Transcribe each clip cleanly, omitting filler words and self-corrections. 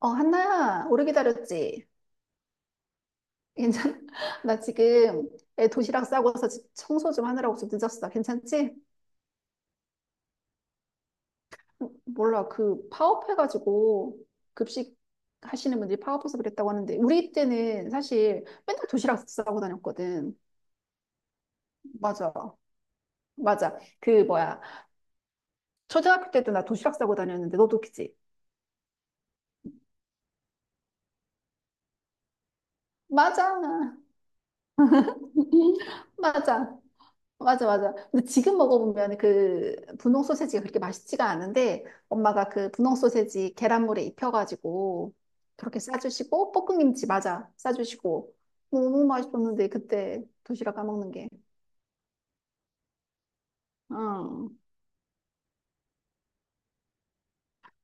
어, 한나야, 오래 기다렸지? 괜찮아? 나 지금 애 도시락 싸고서 집 청소 좀 하느라고 좀 늦었어. 괜찮지? 어, 몰라, 그 파업해가지고 급식 하시는 분들이 파업해서 그랬다고 하는데, 우리 때는 사실 맨날 도시락 싸고 다녔거든. 맞아. 맞아. 그 뭐야. 초등학교 때도 나 도시락 싸고 다녔는데, 너도 그지? 맞아. 맞아. 맞아, 맞아. 근데 지금 먹어보면 그 분홍 소세지가 그렇게 맛있지가 않은데 엄마가 그 분홍 소세지 계란물에 입혀가지고 그렇게 싸주시고 볶음김치 맞아 싸주시고 너무 맛있었는데 그때 도시락 까먹는 게. 응.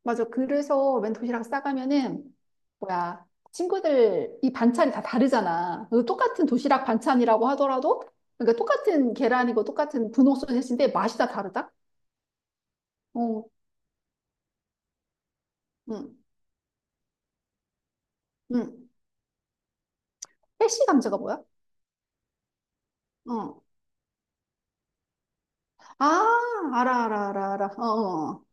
맞아. 그래서 웬 도시락 싸가면은 뭐야 친구들 이 반찬이 다 다르잖아. 그 똑같은 도시락 반찬이라고 하더라도 그러니까 똑같은 계란이고 똑같은 분홍 소세지인데 맛이 다 다르다. 어, 응, 응. 패시 감자가 뭐야? 어. 아, 알아, 알아, 알아, 알아. 어, 어. 어.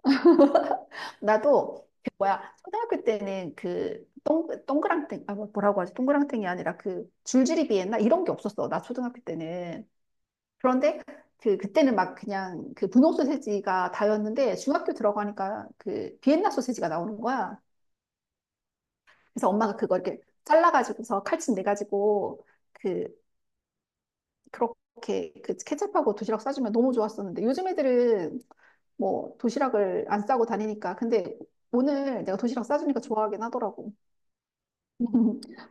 나도, 그 뭐야, 초등학교 때는 그, 동그랑땡, 아, 뭐라고 하지? 동그랑땡이 아니라 그, 줄줄이 비엔나? 이런 게 없었어. 나 초등학교 때는. 그런데, 그때는 막 그냥 그 분홍 소세지가 다였는데, 중학교 들어가니까 그, 비엔나 소세지가 나오는 거야. 그래서 엄마가 그걸 이렇게 잘라가지고서 칼집 내가지고, 그, 그렇게 그 케첩하고 도시락 싸주면 너무 좋았었는데, 요즘 애들은 뭐 도시락을 안 싸고 다니니까. 근데 오늘 내가 도시락 싸주니까 좋아하긴 하더라고.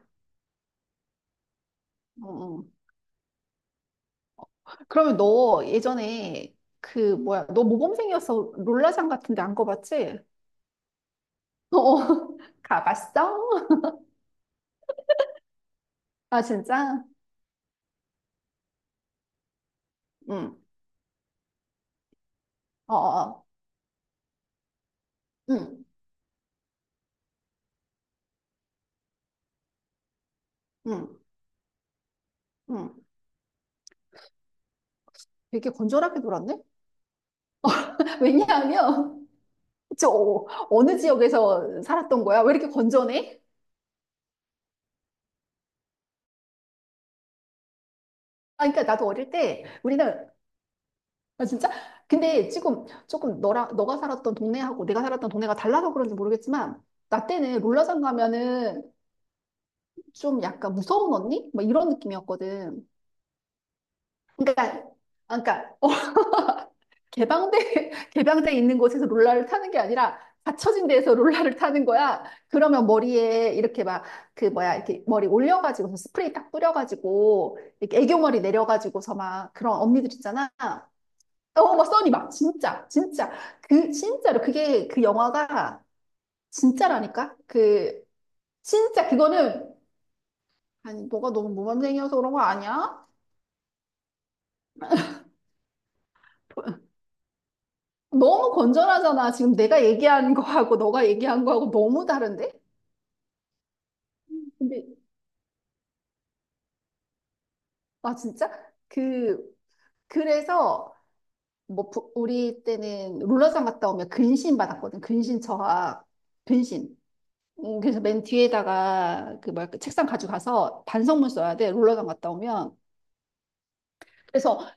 어, 어. 그러면 너 예전에 그 뭐야? 너 모범생이어서 롤라장 같은데 안 가봤지? 어, 가봤어? 아 진짜? 응. 어, 어, 어. 응, 응, 응. 되게 건전하게 놀았네? 왜냐하면 저 어느 지역에서 살았던 거야? 왜 이렇게 건전해? 아, 그러니까 나도 어릴 때 우리는 아, 진짜? 근데 지금 조금 너라 너가 살았던 동네하고 내가 살았던 동네가 달라서 그런지 모르겠지만, 나 때는 롤러장 가면은 좀 약간 무서운 언니? 막 이런 느낌이었거든. 그러니까, 아, 그러니까, 어, 개방돼, 개방돼 있는 곳에서 롤러를 타는 게 아니라, 닫혀진 데에서 롤러를 타는 거야. 그러면 머리에 이렇게 막, 그 뭐야, 이렇게 머리 올려가지고서 스프레이 딱 뿌려가지고, 이렇게 애교머리 내려가지고서 막 그런 언니들 있잖아. 어, 막 써니 막 진짜 진짜 그 진짜로 그게 그 영화가 진짜라니까 그 진짜 그거는 아니 너가 너무 모범생이어서 그런 거 아니야? 너무 건전하잖아 지금 내가 얘기한 거하고 너가 얘기한 거하고 너무 다른데? 근데 아 진짜 그 그래서 뭐 우리 때는 롤러장 갔다 오면 근신 받았거든 근신 저하 근신 그래서 맨 뒤에다가 그 뭐야 그 책상 가져가서 반성문 써야 돼 롤러장 갔다 오면 그래서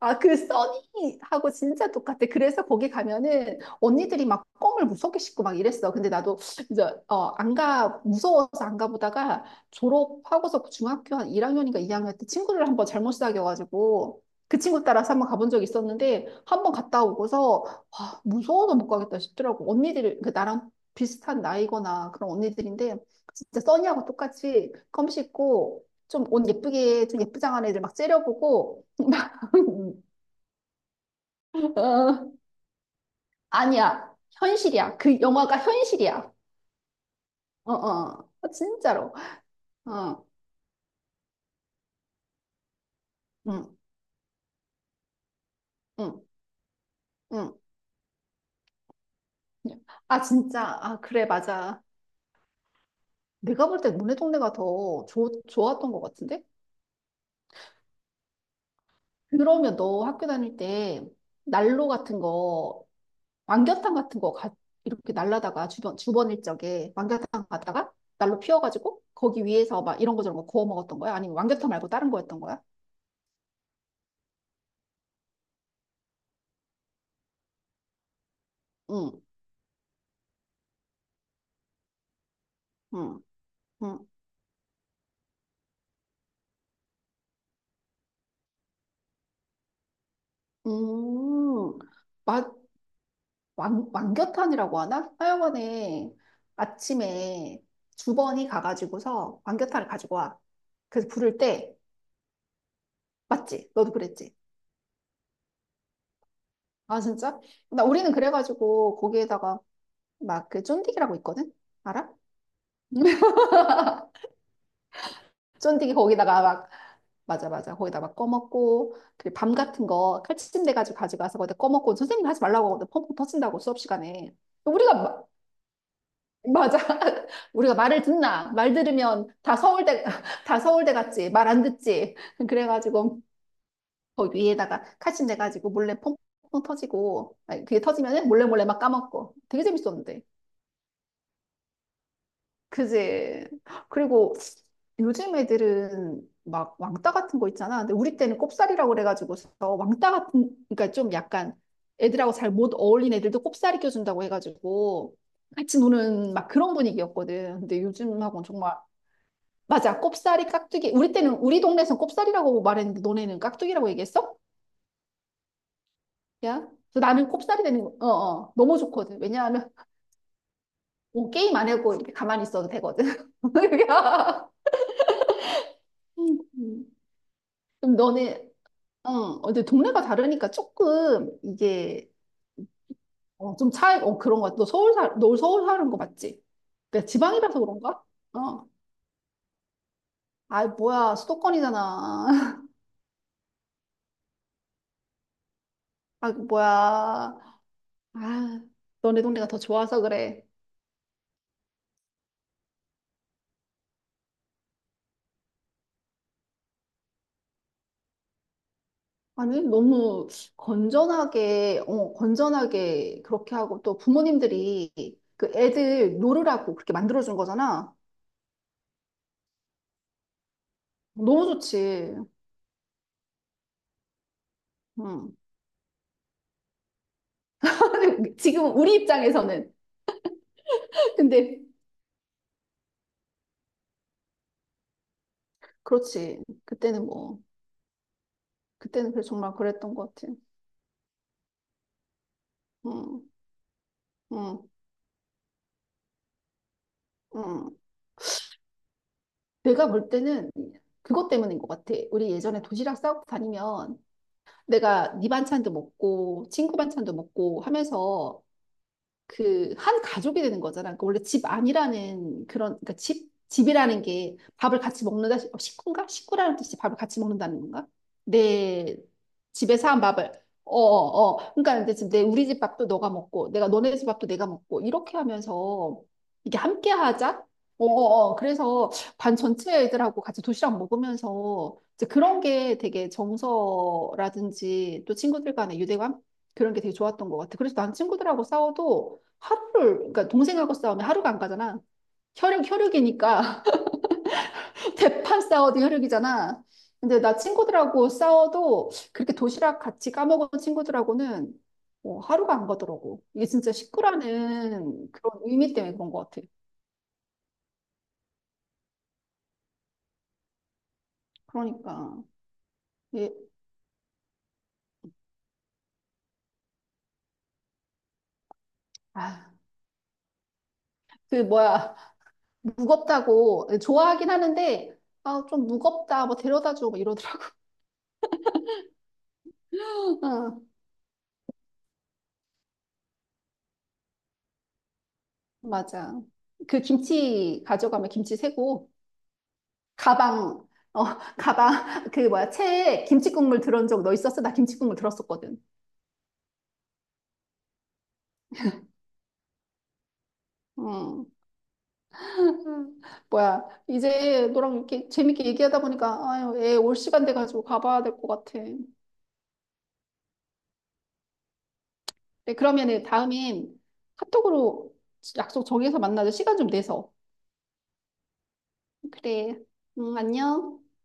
아, 그 써니하고 진짜 똑같아. 그래서 거기 가면은 언니들이 막 껌을 무섭게 씹고 막 이랬어. 근데 나도 이제 어, 안 가, 무서워서 안 가보다가 졸업하고서 중학교 한 1학년인가 2학년 때 친구를 한번 잘못 사귀어가지고 그 친구 따라서 한번 가본 적이 있었는데 한번 갔다 오고서 와, 무서워서 못 가겠다 싶더라고. 언니들, 그 나랑 비슷한 나이거나 그런 언니들인데 진짜 써니하고 똑같이 껌 씹고 좀 옷 예쁘게, 좀 예쁘장한 애들 막 째려보고 어, 아니야. 현실이야. 그 영화가 현실이야. 어, 어. 어, 진짜로. 어, 응, 응, 응. 아, 진짜. 아, 그래, 맞아. 내가 볼 때 너네 동네가 더 좋았던 것 같은데? 그러면 너 학교 다닐 때 난로 같은 거, 왕겨탕 같은 거 가, 이렇게 날라다가 주번 일적에 왕겨탕 가다가 난로 피워가지고 거기 위에서 막 이런 거 저런 거 구워 먹었던 거야? 아니면 왕겨탕 말고 다른 거였던 거야? 응, 응, 응. 음, 마, 왕, 왕겨탄이라고 하나? 하여간에 아침에 주번이 가가지고서 왕겨탄을 가지고 와. 그래서 부를 때, 맞지? 너도 그랬지? 아, 진짜? 나 우리는 그래가지고 거기에다가 막 그 쫀디기라고 있거든? 알아? 쫀디기 거기다가 막, 맞아, 맞아. 거기다 막 꺼먹고, 그리고 밤 같은 거 칼치침 돼가지고 가지고 와서 거기다 꺼먹고, 선생님이 하지 말라고 하거든. 펑펑 터진다고 수업 시간에. 우리가 맞아. 우리가 말을 듣나? 말 들으면 다 서울대, 다 서울대 같지. 말 안 듣지. 그래가지고, 거 위에다가 카신 돼가지고 몰래 퐁퐁 터지고, 아니, 그게 터지면은 몰래 몰래 막 까먹고. 되게 재밌었는데. 그지? 그리고 요즘 애들은 막 왕따 같은 거 있잖아. 근데 우리 때는 꼽살이라고 그래가지고서 왕따 같은, 그러니까 좀 약간 애들하고 잘 못 어울린 애들도 꼽살이 껴준다고 해가지고 같이 노는 막 그런 분위기였거든. 근데 요즘하고는 정말 맞아. 꼽사리, 깍두기. 우리 때는 우리 동네에서 꼽사리라고 말했는데 너네는 깍두기라고 얘기했어? 야. 그래서 나는 꼽사리 되는 거. 어, 어. 너무 좋거든. 왜냐하면 뭐 게임 안 하고 이렇게 가만히 있어도 되거든. 야. 음. 그럼 너네 어, 근데 동네가 다르니까 조금 이게 어, 좀 차이 어 그런 거 같아. 너 서울 살, 너 서울 사는 거 맞지? 내가 지방이라서 그런가? 어. 아, 뭐야. 수도권이잖아. 아, 뭐야. 아, 너네 동네가 더 좋아서 그래. 아니, 너무 건전하게, 어, 건전하게 그렇게 하고 또 부모님들이 그 애들 놀으라고 그렇게 만들어준 거잖아. 너무 좋지. 응. 지금 우리 입장에서는. 근데, 그렇지. 그때는 뭐, 그때는 그래 정말 그랬던 것 같아. 응, 응, 응. 내가 볼 때는 그것 때문인 것 같아. 우리 예전에 도시락 싸고 다니면 내가 네 반찬도 먹고, 친구 반찬도 먹고 하면서 그 한 가족이 되는 거잖아. 그러니까 원래 집 안이라는 그런 그러니까 집 집이라는 게 밥을 같이 먹는다 어, 식구인가? 식구라는 뜻이 밥을 같이 먹는다는 건가? 내 집에서 한 밥을 어, 어, 어. 그러니까 이제 지금 내 우리 집 밥도 너가 먹고 내가 너네 집 밥도 내가 먹고 이렇게 하면서 이게 함께 하자. 어, 어, 어. 그래서 반 전체 애들하고 같이 도시락 먹으면서 이제 그런 게 되게 정서라든지 또 친구들 간의 유대감 그런 게 되게 좋았던 것 같아. 그래서 난 친구들하고 싸워도 하루를, 그러니까 동생하고 싸우면 하루가 안 가잖아. 혈육, 혈육이니까. 대판 싸워도 혈육이잖아. 근데 나 친구들하고 싸워도 그렇게 도시락 같이 까먹은 친구들하고는 어, 하루가 안 가더라고. 이게 진짜 식구라는 그런 의미 때문에 그런 것 같아. 그러니까. 이게, 아, 그 뭐야. 무겁다고. 좋아하긴 하는데, 아, 좀 무겁다. 뭐 데려다 줘. 뭐 이러더라고. 아, 맞아. 그 김치 가져가면 김치 세고. 가방, 어, 가방, 그 뭐야, 체에 김치국물 들은 적 너 있었어? 나 김치국물 들었었거든. 음. 뭐야, 이제 너랑 이렇게 재밌게 얘기하다 보니까, 아유, 애 올 시간 돼가지고 가봐야 될 것 같아. 네, 그러면은 다음엔 카톡으로 약속 정해서 만나자. 시간 좀 내서. 그래. 응, 안녕.